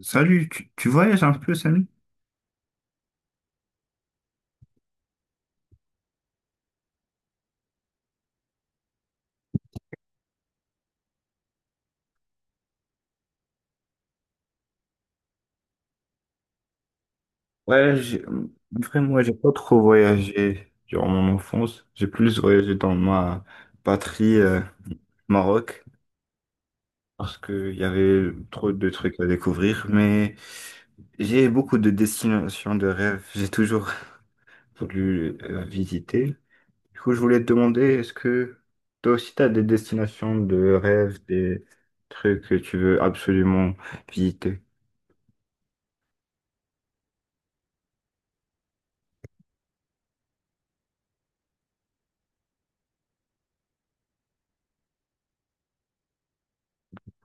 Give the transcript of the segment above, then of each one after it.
Salut, tu voyages un peu, Samy? Ouais, vraiment, moi j'ai pas trop voyagé durant mon enfance. J'ai plus voyagé dans ma patrie, Maroc, parce qu'il y avait trop de trucs à découvrir. Mais j'ai beaucoup de destinations de rêve. J'ai toujours voulu visiter. Du coup, je voulais te demander, est-ce que toi aussi, tu as des destinations de rêve, des trucs que tu veux absolument visiter?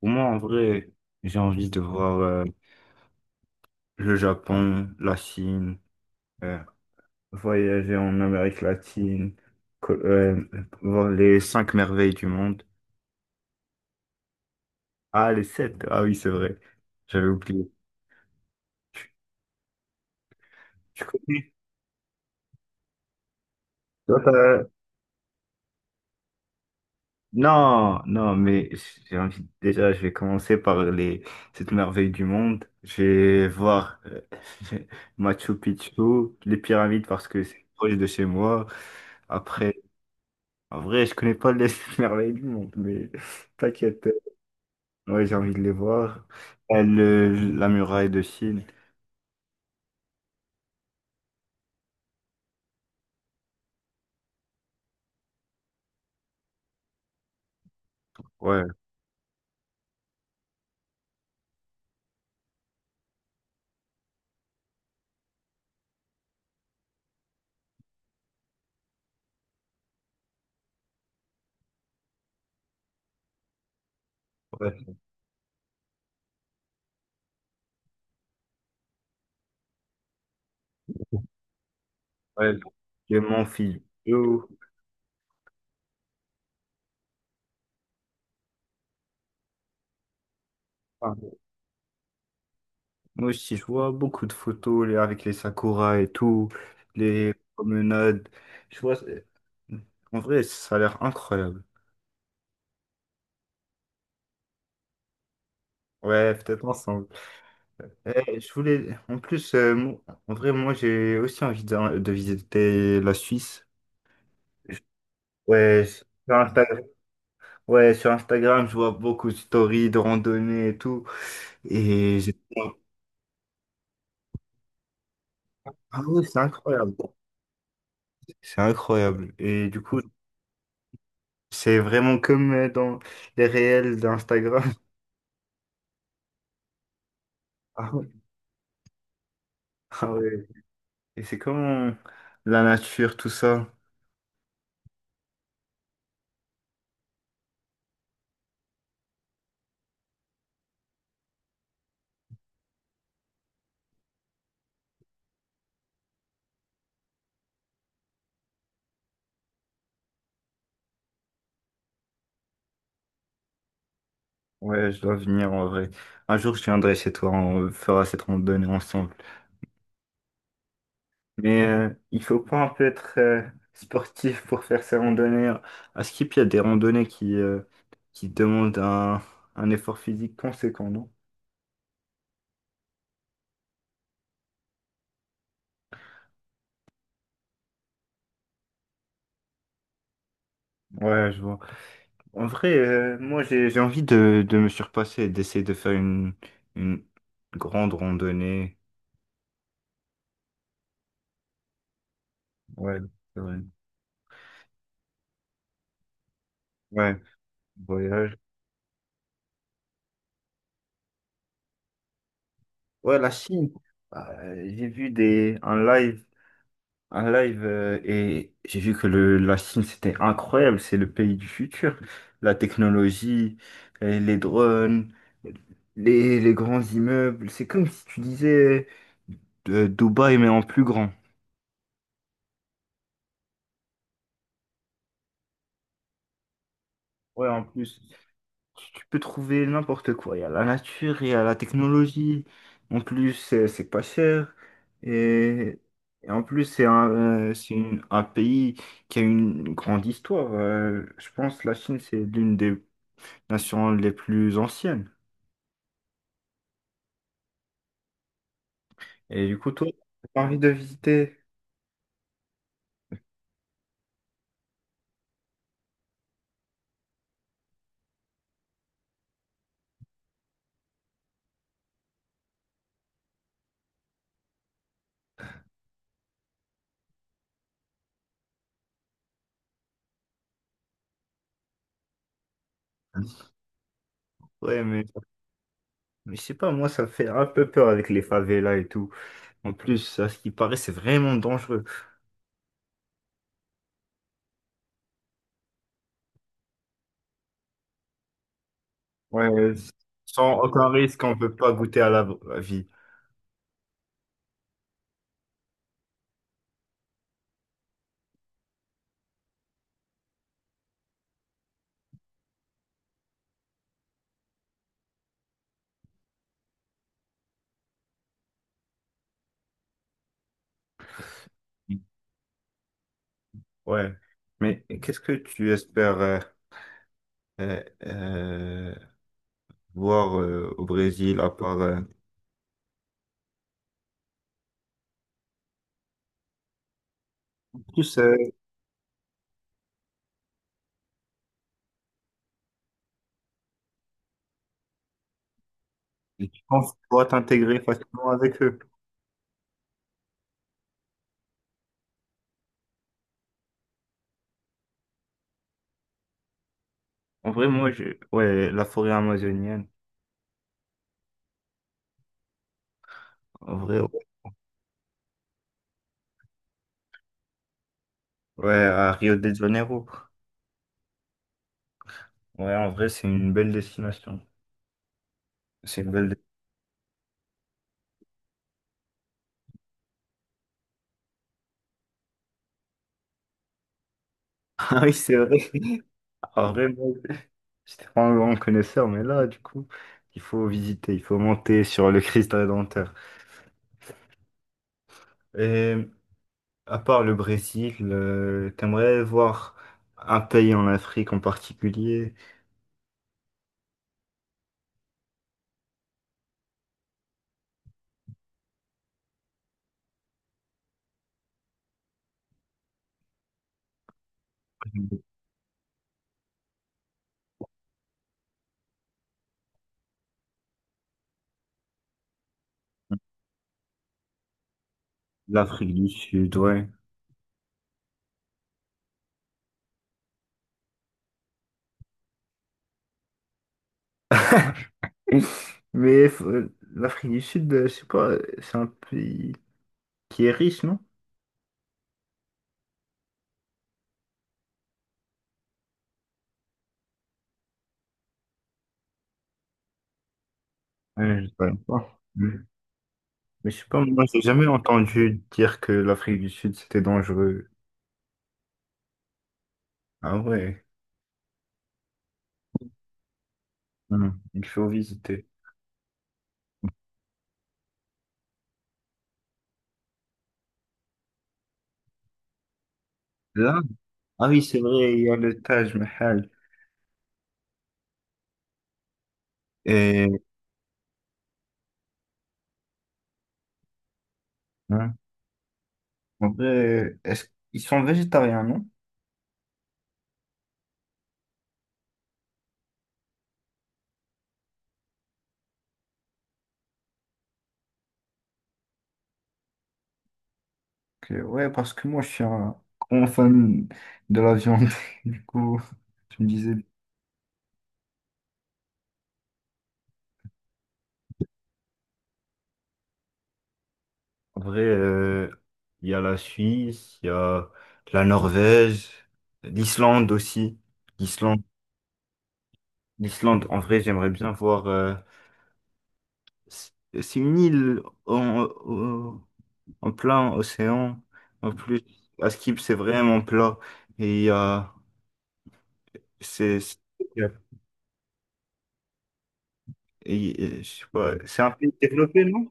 Pour moi, en vrai, j'ai envie de voir, le Japon, la Chine, euh, voyager en Amérique latine, co- euh, voir les cinq merveilles du monde. Ah, les sept. Ah oui, c'est vrai. J'avais oublié. Tu, tu connais? Toi, t'as- Non, non, mais j'ai envie, déjà, je vais commencer par les sept merveilles du monde. Je vais voir Machu Picchu, les pyramides parce que c'est proche de chez moi. Après, en vrai, je connais pas les sept merveilles du monde, mais t'inquiète. Ouais, j'ai envie de les voir. Le- la muraille de Chine. Ouais, ouais, ouais. Le Mont Fuji. Enfin, moi aussi, je vois beaucoup de photos avec les sakuras et tout, les promenades. Je vois. En vrai, ça a l'air incroyable. Ouais, peut-être ensemble. Eh, je voulais. En plus, en vrai, moi, j'ai aussi envie de visiter la Suisse. Je- Ouais, sur Instagram, ouais, sur Instagram, je vois beaucoup de stories de randonnées et tout. Et j'étais là, ah ouais, c'est incroyable. C'est incroyable. Et du coup, c'est vraiment comme dans les réels d'Instagram. Ah ouais. Ah ouais. Et c'est comme la nature, tout ça. Ouais, je dois venir en vrai. Un jour, je viendrai chez toi, on fera cette randonnée ensemble. Mais il faut pas un peu être sportif pour faire ces randonnées. À Skip, il y a des randonnées qui demandent un effort physique conséquent, non? Ouais, je vois. En vrai, moi j'ai envie de me surpasser, d'essayer de faire une grande randonnée. Ouais, c'est vrai. Ouais, voyage. Ouais, la Chine. J'ai vu des un live et j'ai vu que la Chine c'était incroyable, c'est le pays du futur. La technologie, les drones, les grands immeubles, c'est comme si tu disais Dubaï mais en plus grand. Ouais, en plus. Tu peux trouver n'importe quoi. Il y a la nature, il y a la technologie. En plus, c'est pas cher. Et, et en plus, c'est un, c'est une- un pays qui a une grande histoire. Je pense que la Chine, c'est l'une des nations les plus anciennes. Et du coup, toi, t'as envie de visiter. Ouais, mais je sais pas, moi, ça fait un peu peur avec les favelas et tout. En plus, à ce qui paraît, c'est vraiment dangereux. Ouais, sans aucun risque, on peut pas goûter à la vie. Ouais. Mais qu'est-ce que tu espères euh, euh, voir au Brésil à part tous et tu penses pouvoir t'intégrer facilement avec eux? En vrai, moi, ouais, la forêt amazonienne. En vrai, ouais, ouais, à Rio de Janeiro. Ouais, en vrai, c'est une belle destination. C'est une belle. Ah oui, c'est vrai. En vrai, moi, j'étais pas un grand connaisseur, mais là, du coup, il faut visiter, il faut monter sur le Christ Rédempteur. Et à part le Brésil, t'aimerais voir un pays en Afrique en particulier? L'Afrique du Sud, ouais. Mais faut- L'Afrique du Sud, je sais pas, c'est un pays qui est riche, non? Ouais, je sais pas. Mm. Mais je sais pas, moi j'ai jamais entendu dire que l'Afrique du Sud c'était dangereux. Ah ouais. Hmm. Il faut visiter. Là? Ah oui, c'est vrai, il y a le Taj Mahal. Et hein, en vrai, est-ce qu'ils sont végétariens, non? Ouais, parce que moi, je suis un grand fan de la viande. Du coup, tu me disais. En vrai, il y a la Suisse, il y a la Norvège, l'Islande aussi. L'Islande, l'Islande, en vrai, j'aimerais bien voir. c'est c'est une île en, au- en plein océan. En plus, à Skip, c'est vraiment plat. Et il y a- c'est- et je sais pas, c'est un pays développé, non?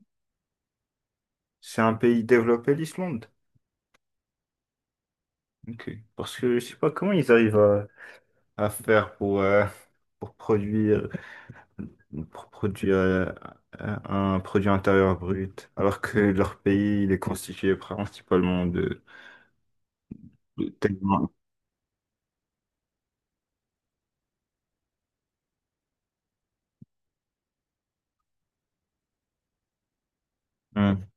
C'est un pays développé, l'Islande. Ok. Parce que je sais pas comment ils arrivent à faire pour produire un produit intérieur brut, alors que leur pays il est constitué principalement de tellement. Ouais,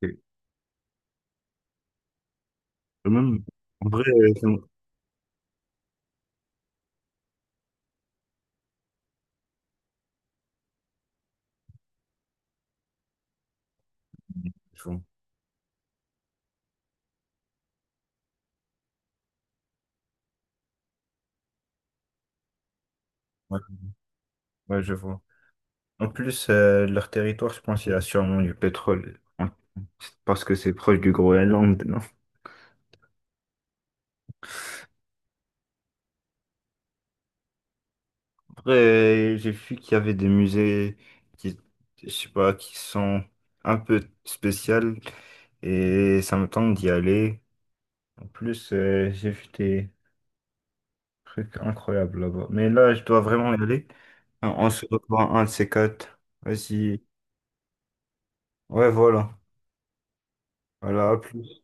ok. Même, en vrai, je vois. Ouais, ouais, je vois. En plus, leur territoire, je pense, il y a sûrement du pétrole. Parce que c'est proche du Groenland, non? Après, j'ai vu qu'il y avait des musées qui, je sais pas, qui sont un peu spéciales et ça me tente d'y aller. En plus, j'ai vu des trucs incroyables là-bas. Mais là, je dois vraiment y aller. On se revoit un de ces quatre. Vas-y. Ouais, voilà. Voilà, à plus.